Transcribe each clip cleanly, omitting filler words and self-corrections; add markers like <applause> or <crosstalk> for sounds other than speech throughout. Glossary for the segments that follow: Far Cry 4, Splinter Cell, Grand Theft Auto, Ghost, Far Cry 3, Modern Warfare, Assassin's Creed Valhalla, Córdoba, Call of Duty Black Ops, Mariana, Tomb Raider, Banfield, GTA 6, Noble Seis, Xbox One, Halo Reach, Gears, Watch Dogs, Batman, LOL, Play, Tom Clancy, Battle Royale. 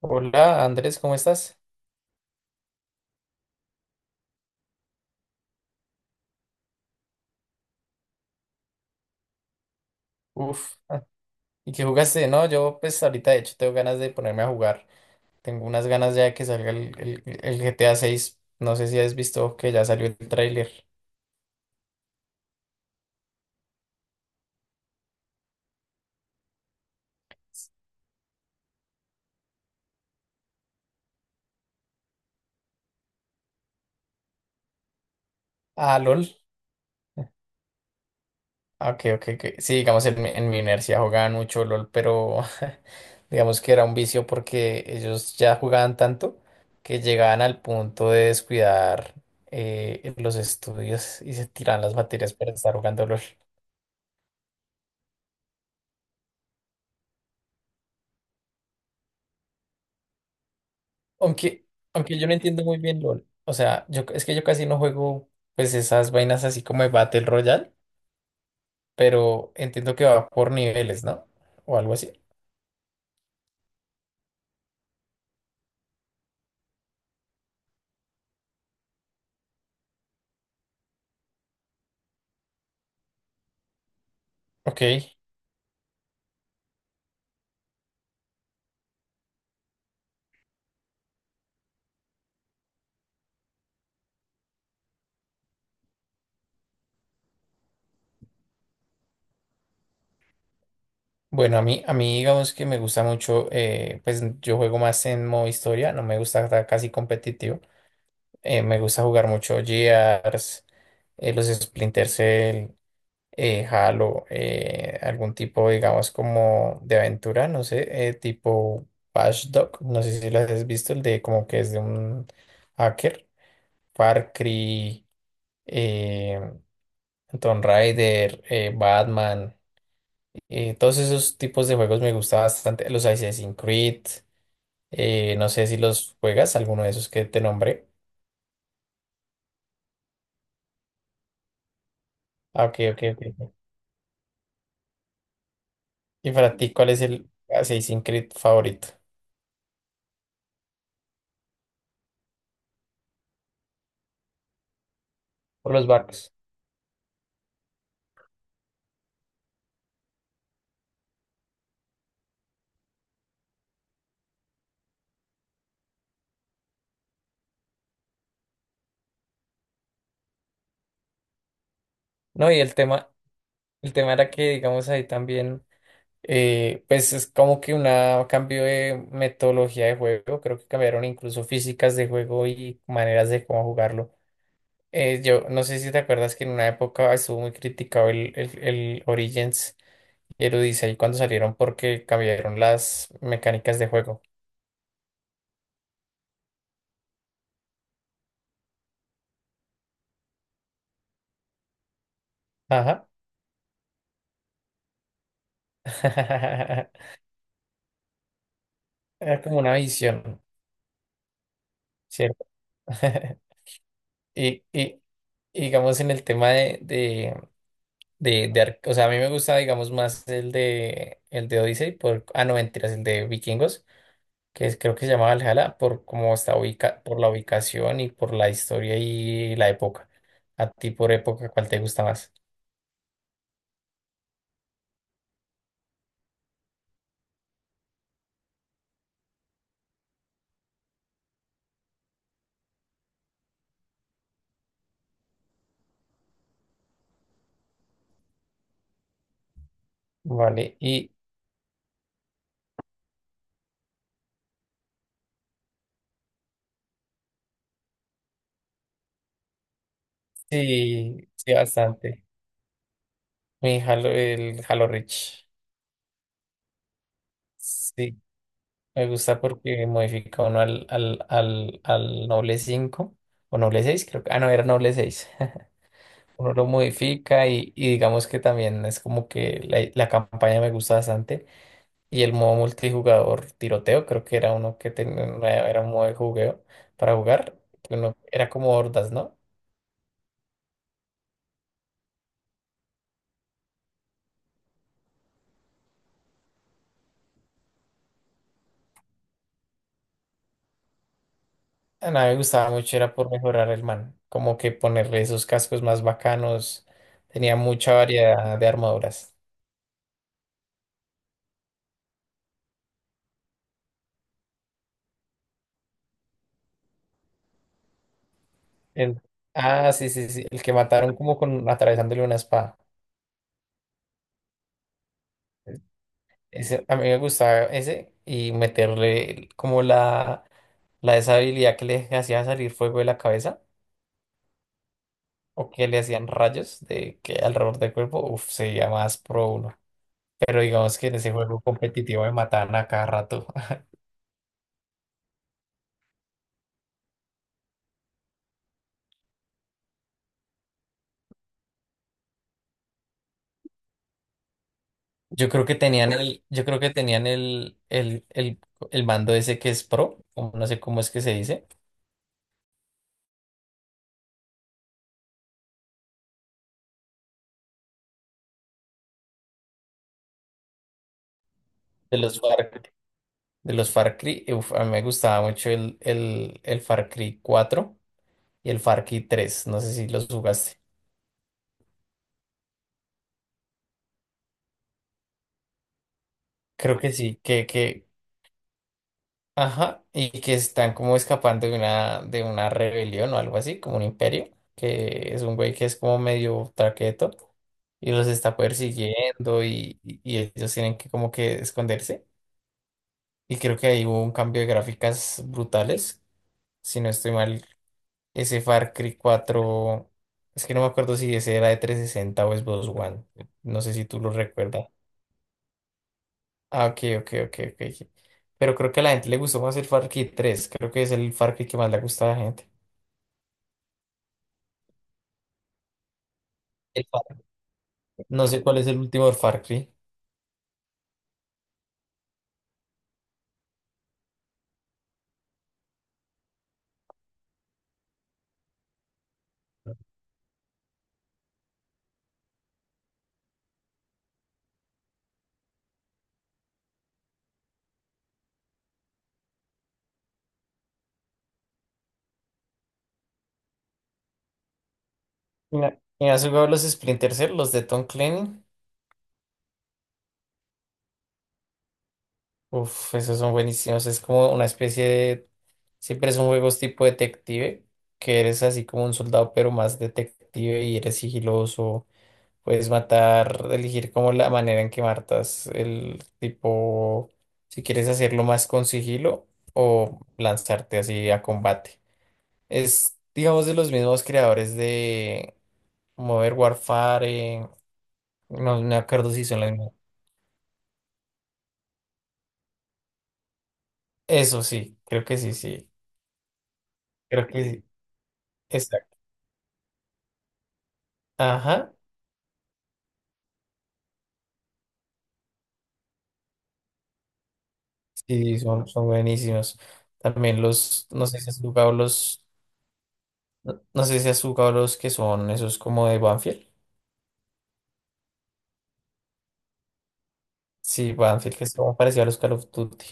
Hola Andrés, ¿cómo estás? Uf, ¿y qué jugaste? No, yo pues ahorita de hecho tengo ganas de ponerme a jugar. Tengo unas ganas ya de que salga el GTA 6. No sé si has visto que ya salió el tráiler. Ah, LOL. Ah, ok, ok, ok. Sí, digamos en mi universidad jugaban mucho LOL, pero <laughs> digamos que era un vicio porque ellos ya jugaban tanto que llegaban al punto de descuidar los estudios y se tiraban las materias para estar jugando LOL. Aunque, aunque yo no entiendo muy bien LOL. O sea, yo es que yo casi no juego pues esas vainas así como de Battle Royale, pero entiendo que va por niveles, ¿no? O algo así. Ok. Bueno, a mí digamos que me gusta mucho, pues yo juego más en modo historia, no me gusta estar casi competitivo. Me gusta jugar mucho Gears, los Splinter Cell, Halo, algún tipo, digamos, como de aventura, no sé, tipo Watch Dogs, no sé si lo has visto, el de como que es de un hacker, Far Cry, eh, Tomb Raider, Batman, todos esos tipos de juegos me gusta bastante, los Assassin's Creed, no sé si los juegas, alguno de esos que te nombré. Ah, ok, ok, ok. ¿Y para ti cuál es el Assassin's Creed favorito? Por los barcos. No, y el tema, el tema era que, digamos, ahí también, pues es como que un cambio de metodología de juego, creo que cambiaron incluso físicas de juego y maneras de cómo jugarlo. Yo no sé si te acuerdas que en una época estuvo muy criticado el Origins y el Odyssey cuando salieron porque cambiaron las mecánicas de juego. Ajá. <laughs> Era como una visión, ¿cierto? <laughs> Y, y, y digamos en el tema de, o sea, a mí me gusta, digamos, más el de Odyssey, por, ah, no, mentiras, el de Vikingos, creo que se llamaba Valhalla, por cómo está ubica, por la ubicación y por la historia y la época. A ti por época, ¿cuál te gusta más? Vale, y sí, sí, bastante. Mi Halo, el Halo Reach. Sí, me gusta porque modifica uno al Noble cinco o Noble seis creo que, ah, no, era Noble seis. Uno lo modifica y digamos que también es como que la campaña me gusta bastante y el modo multijugador tiroteo creo que era uno que tenía era un modo de jugueo para jugar que uno era como hordas, ¿no? A mí me gustaba mucho era por mejorar el man como que ponerle esos cascos más bacanos, tenía mucha variedad de armaduras. el, ah, sí, sí, sí, el que mataron como con atravesándole una espada, ese, a mí me gustaba ese y meterle como la de esa habilidad que le hacía salir fuego de la cabeza o que le hacían rayos de que alrededor del cuerpo, uff, sería más pro uno. Pero digamos que en ese juego competitivo me mataban a cada rato. <laughs> Yo creo que tenían el mando ese que es pro, como- no sé cómo es que se dice, de los Far, de los Far Cry. Uf, a mí me gustaba mucho el Far Cry cuatro y el Far Cry tres. No sé si los jugaste. Creo que sí, ajá, y que están como escapando de una rebelión o algo así, como un imperio, que es un güey que es como medio traqueto y los está persiguiendo y ellos tienen que como que esconderse. Y creo que ahí hubo un cambio de gráficas brutales. Si no estoy mal, ese Far Cry cuatro, es que no me acuerdo si ese era de 360 o Xbox One, no sé si tú lo recuerdas. Ah, ok, ok, ok, ok, ok. Pero creo que a la gente le gustó más el Far Cry tres, creo que es el Far Cry que más le gusta a la gente. Cry. No sé cuál es el último de Far Cry. Mira, ¿y has jugado los Splinter Cell, los de Tom Clancy? Uf, esos son buenísimos. Es como una especie de... Siempre son juegos tipo detective, que eres así como un soldado, pero más detective y eres sigiloso. Puedes matar, elegir como la manera en que matas el tipo, si quieres hacerlo más con sigilo o lanzarte así a combate. Es, digamos, de los mismos creadores de Modern Warfare. No, no me acuerdo si son las mismas. Eso sí, creo que sí, sí. Creo que sí. Exacto. Ajá. Sí, son, son buenísimos. También los, no sé si has jugado los, no, no sé si has jugado los que son esos como de Banfield. Sí, Banfield, que es como parecido a los Call of Duty.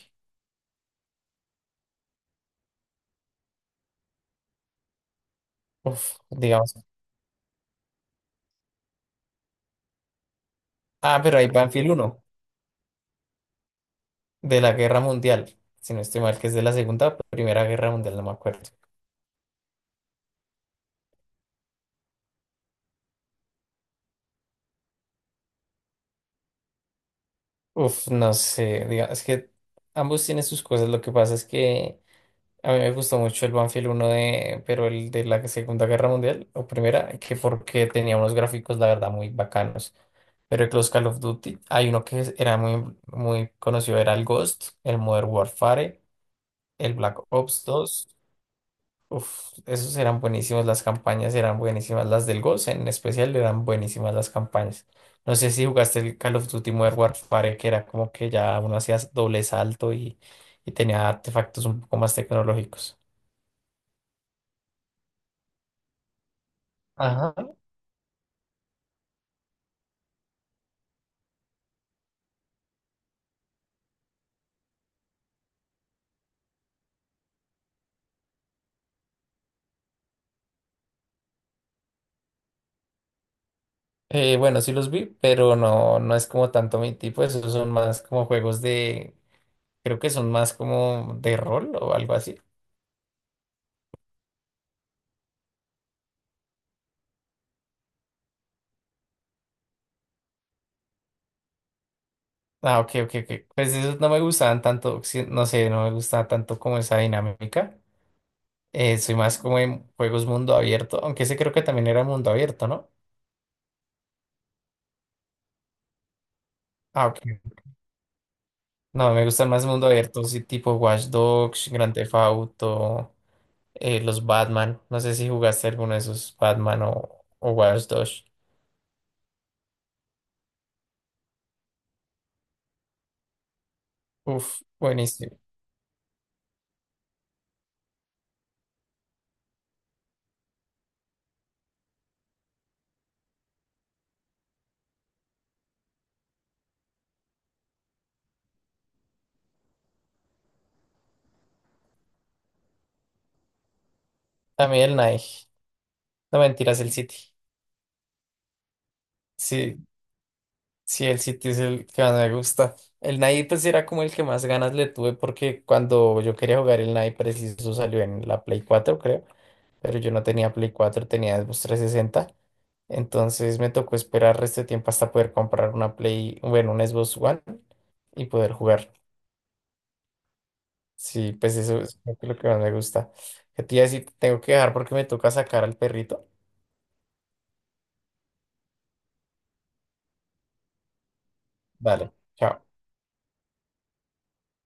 Uf, digamos. Ah, pero hay Banfield uno de la Guerra Mundial. Si no estoy mal, que es de la Segunda, Primera Guerra Mundial, no me acuerdo. Uf, no sé, es que ambos tienen sus cosas. Lo que pasa es que a mí me gustó mucho el Banfield uno de, pero el de la Segunda Guerra Mundial o Primera, que porque tenía unos gráficos, la verdad, muy bacanos. Pero el Close Call of Duty, hay uno era muy, muy conocido, era el Ghost, el Modern Warfare, el Black Ops dos. Uf, esos eran buenísimos, las campañas eran buenísimas, las del Ghost en especial eran buenísimas las campañas. No sé si jugaste el Call of Duty Modern Warfare, que era como que ya uno hacía doble salto y tenía artefactos un poco más tecnológicos. Bueno, sí los vi, pero no, no es como tanto mi tipo, esos son más como juegos de, creo que son más como de rol o algo así. Ah, ok, ok, ok. Pues esos no me gustaban tanto, sí, no sé, no me gustaba tanto como esa dinámica. Soy más como en juegos mundo abierto, aunque ese creo que también era mundo abierto, ¿no? Ah, ok. No, me gustan más mundo abierto, sí, tipo Watch Dogs, Grand Theft Auto, los Batman. No sé si jugaste alguno de esos Batman o Watch Dogs. Uf, buenísimo. A mí el Nike. No mentiras, el City. Sí, sí, el City es el que más me gusta. El Nike pues era como el que más ganas le tuve porque cuando yo quería jugar el Nike preciso salió en la Play cuatro, creo. Pero yo no tenía Play cuatro, tenía Xbox 360. Entonces me tocó esperar resto de tiempo hasta poder comprar una Play, bueno, un Xbox One y poder jugar. Sí, pues eso es lo que más me gusta. Que te iba a decir, tengo que dejar porque me toca sacar al perrito. Dale, chao.